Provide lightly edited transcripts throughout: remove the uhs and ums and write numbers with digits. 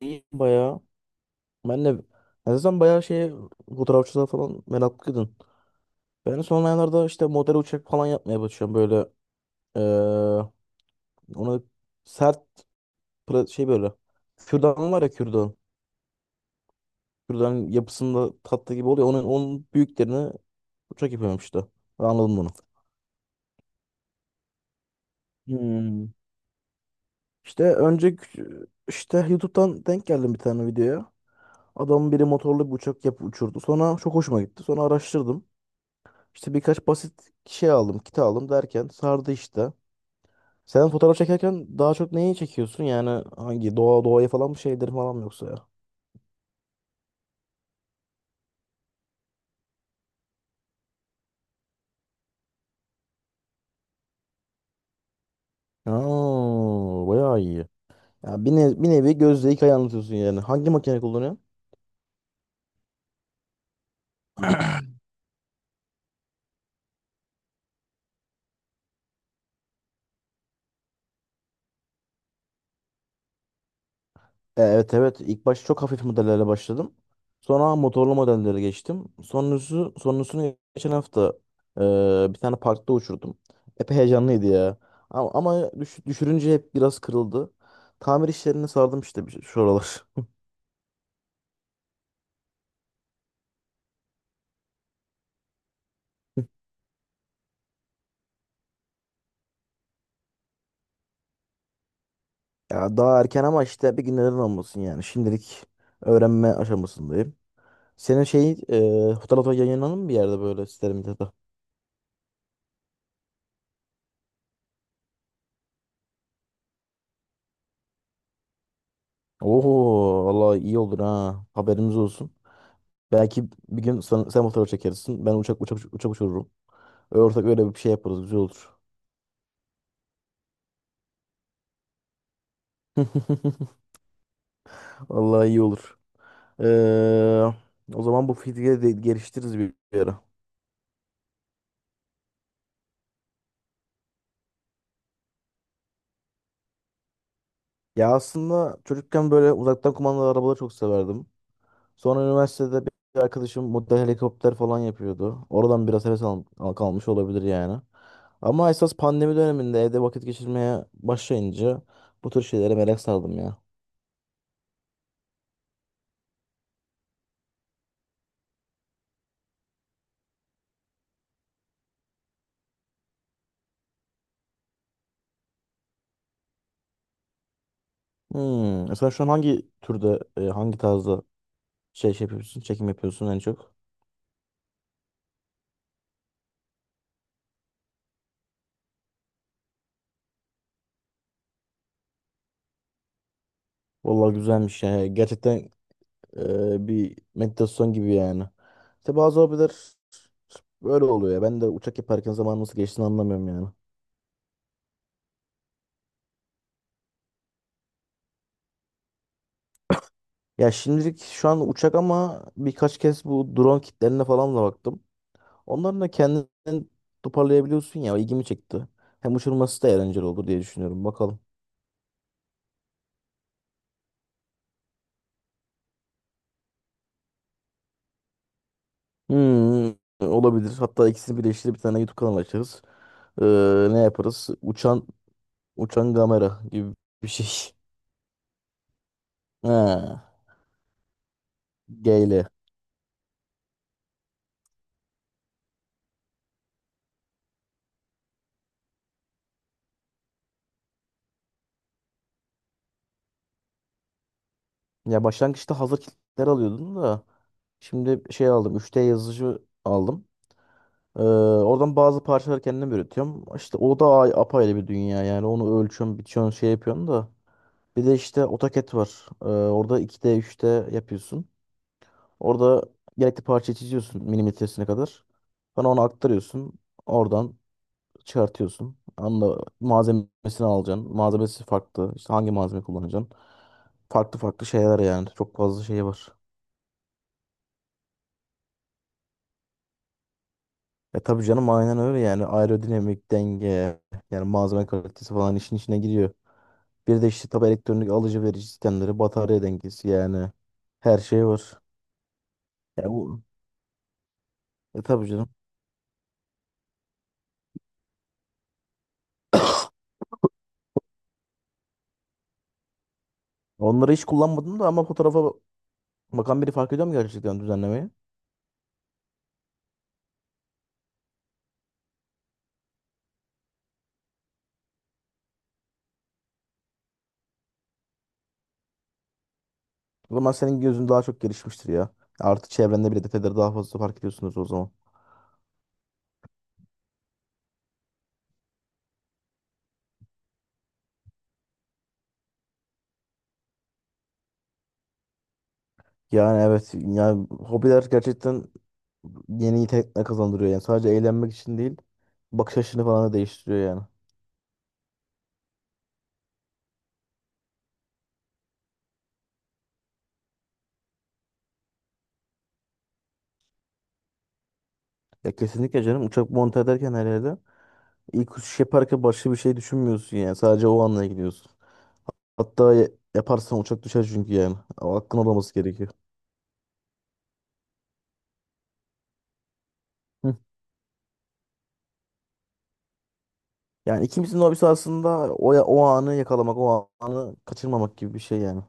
İyi bayağı. Ben de, ben zaten bayağı şeye, fotoğrafçılığa falan meraklıydım. Ben son aylarda işte model uçak falan yapmaya başlıyorum böyle. eee, ona sert şey böyle. Kürdan var ya, kürdan. Kürdanın yapısında tatlı gibi oluyor. Onun büyüklerini uçak yapıyorum işte. Ben anladım bunu. Hmm. İşte önce işte YouTube'dan denk geldim bir tane videoya. Adamın biri motorlu bir uçak yapıp uçurdu. Sonra çok hoşuma gitti. Sonra araştırdım. İşte birkaç basit şey aldım, kit aldım, derken sardı işte. Sen fotoğraf çekerken daha çok neyi çekiyorsun? Yani hangi doğaya falan mı, şeyleri falan mı, yoksa ya? Aa, bayağı iyi. Ya, bir nevi gözle hikaye anlatıyorsun yani. Hangi makine kullanıyorsun? Evet, evet, ilk başta çok hafif modellerle başladım. Sonra motorlu modellere geçtim. Sonrasını geçen hafta, e, bir tane parkta uçurdum. Epey heyecanlıydı ya. Ama düşürünce hep biraz kırıldı. Tamir işlerine sardım işte şu aralar. Ya daha erken ama işte bir gün neden olmasın yani. Şimdilik öğrenme aşamasındayım. Senin şey, fotoğrafı yayınlanır mı bir yerde, böyle siteler medyada? Oho, valla iyi olur ha. Haberimiz olsun. Belki bir gün sen fotoğraf çekersin. Ben uçak uçururum. Ortak öyle bir şey yaparız. Güzel olur. Vallahi iyi olur. Ee, O zaman bu fikri de geliştiririz bir ara. Ya aslında çocukken böyle uzaktan kumandalı arabaları çok severdim. Sonra üniversitede bir arkadaşım model helikopter falan yapıyordu. Oradan biraz heves kalmış olabilir yani. Ama esas pandemi döneminde evde vakit geçirmeye başlayınca bu tür şeylere merak sardım ya. Hmm. Sen şu an hangi türde, hangi tarzda çekim yapıyorsun en çok? Vallahi güzelmiş yani. Gerçekten bir meditasyon gibi yani. İşte bazı hobiler böyle oluyor ya. Ben de uçak yaparken zaman nasıl geçtiğini anlamıyorum yani. Ya şimdilik şu an uçak ama birkaç kez bu drone kitlerine falan da baktım. Onların da kendini toparlayabiliyorsun ya, o ilgimi çekti. Hem uçurması da eğlenceli olur diye düşünüyorum. Bakalım. Hmm, olabilir. Hatta ikisini birleştirip bir tane YouTube kanalı açarız. Ne yaparız? Uçan kamera gibi bir şey. Ha, G. Ya başlangıçta hazır kitler alıyordun da şimdi şey aldım. 3D yazıcı aldım. Ee, Oradan bazı parçaları kendim üretiyorum. İşte o da apayrı bir dünya yani. Onu ölçüyorsun, biçiyorsun, şey yapıyorsun da. Bir de işte AutoCAD var. Orada 2D 3D yapıyorsun. Orada gerekli parçayı çiziyorsun milimetresine kadar. Sonra onu aktarıyorsun. Oradan çıkartıyorsun. Anla malzemesini alacaksın. Malzemesi farklı. İşte hangi malzeme kullanacaksın? Farklı farklı şeyler yani. Çok fazla şey var. E, tabii canım, aynen öyle yani. Aerodinamik denge, yani malzeme kalitesi falan işin içine giriyor. Bir de işte tabi elektronik alıcı verici sistemleri, batarya dengesi, yani her şey var. Ya bu, tabii canım. Onları hiç kullanmadım da, ama fotoğrafa bakan biri fark ediyor mu gerçekten düzenlemeyi? O zaman senin gözün daha çok gelişmiştir ya. Artık çevrende bile detayları daha fazla fark ediyorsunuz o zaman. Yani evet, yani hobiler gerçekten yeni yetenekler kazandırıyor yani. Sadece eğlenmek için değil, bakış açını falan da değiştiriyor yani. Ya kesinlikle canım, uçak monte ederken, her yerde ilk uçuş yaparken başka bir şey düşünmüyorsun yani. Sadece o anla gidiyorsun. Hatta yaparsan uçak düşer çünkü yani. O hakkın olması gerekiyor. Hı. Yani ikimizin de hobisi aslında o anı yakalamak, o anı kaçırmamak gibi bir şey yani.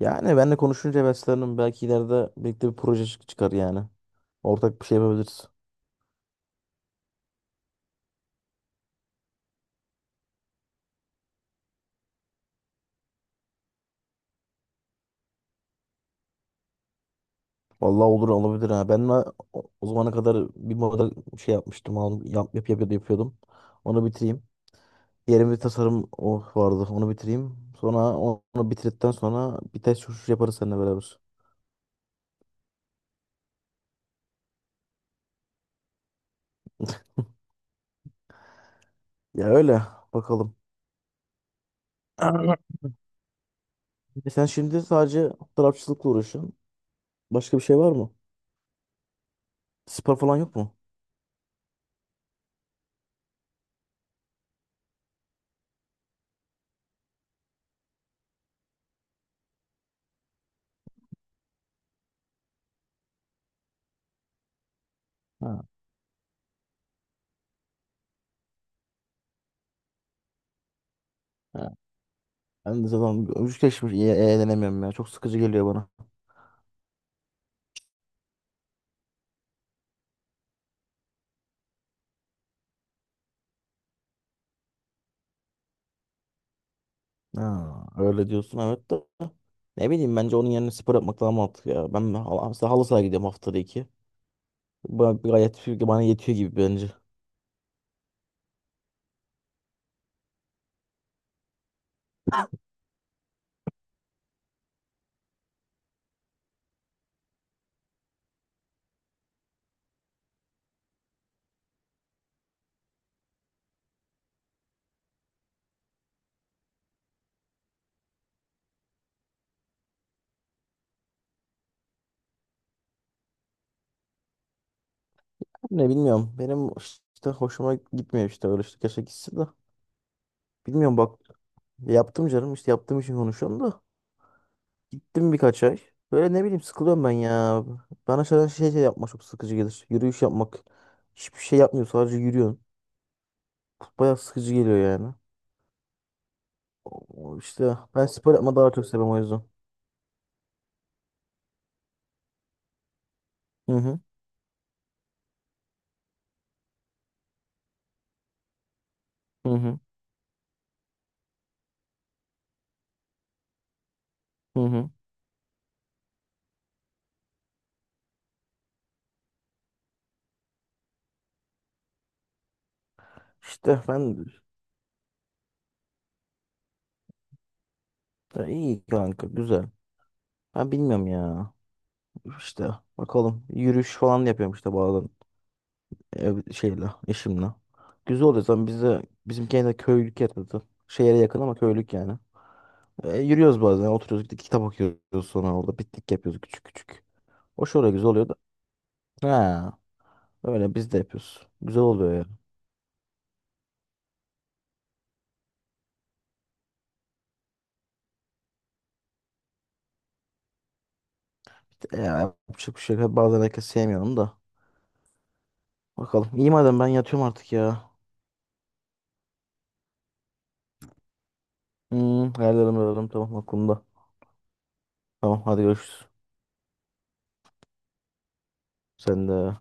Yani benle konuşunca heveslendim. Belki ileride birlikte bir proje çıkar yani. Ortak bir şey yapabiliriz. Vallahi olur, olabilir ha. Ben de o zamana kadar bir moda şey yapmıştım. Yapıyordum. Onu bitireyim. Diğer bir tasarım o vardı. Onu bitireyim. Sonra onu bitirdikten sonra bir test uçuşu yaparız seninle beraber. Ya öyle. Bakalım. Sen şimdi sadece tarafçılıkla uğraşıyorsun. Başka bir şey var mı? Spor falan yok mu? Ha, ha. Ben de zaten hiç geçmiş eğlenemiyorum ya. Çok sıkıcı geliyor bana. Ha, öyle diyorsun, evet de. Ne bileyim, bence onun yerine spor yapmak daha mantıklı ya. Ben mesela halı sahaya gidiyorum haftada iki. Gayet bana yetiyor gibi bence. Ne bilmiyorum. Benim işte hoşuma gitmiyor, işte öyle işte, keşke gitsin de. Bilmiyorum bak, yaptım canım, işte yaptığım için konuşuyorum da. Gittim birkaç ay. Böyle ne bileyim sıkılıyorum ben ya. Bana şöyle şey yapmak çok sıkıcı gelir. Yürüyüş yapmak. Hiçbir şey yapmıyorsun, sadece yürüyorsun. Bayağı sıkıcı geliyor yani. İşte ben spor yapma daha çok seviyorum, o yüzden. Hı hı. Hı hı. Hı hı. İşte ben. Ya iyi kanka, güzel. Ben bilmiyorum ya. İşte bakalım, yürüyüş falan da yapıyorum işte bazen ev şeyle eşimle. Güzel oluyor zaten, bize, bizim kendi köylük yerde, şehre yakın ama köylük yani. Yürüyoruz bazen, oturuyoruz gidip kitap okuyoruz, sonra orada piknik yapıyoruz küçük küçük. O şöyle güzel oluyor da. Ha, öyle biz de yapıyoruz. Güzel oluyor ya. E, Yapacak bir şey yok. Bazen herkes sevmiyorum da. Bakalım. İyi madem, ben yatıyorum artık ya. Hayallerim, hayallerim tamam, aklımda. Tamam hadi görüşürüz. Sen de.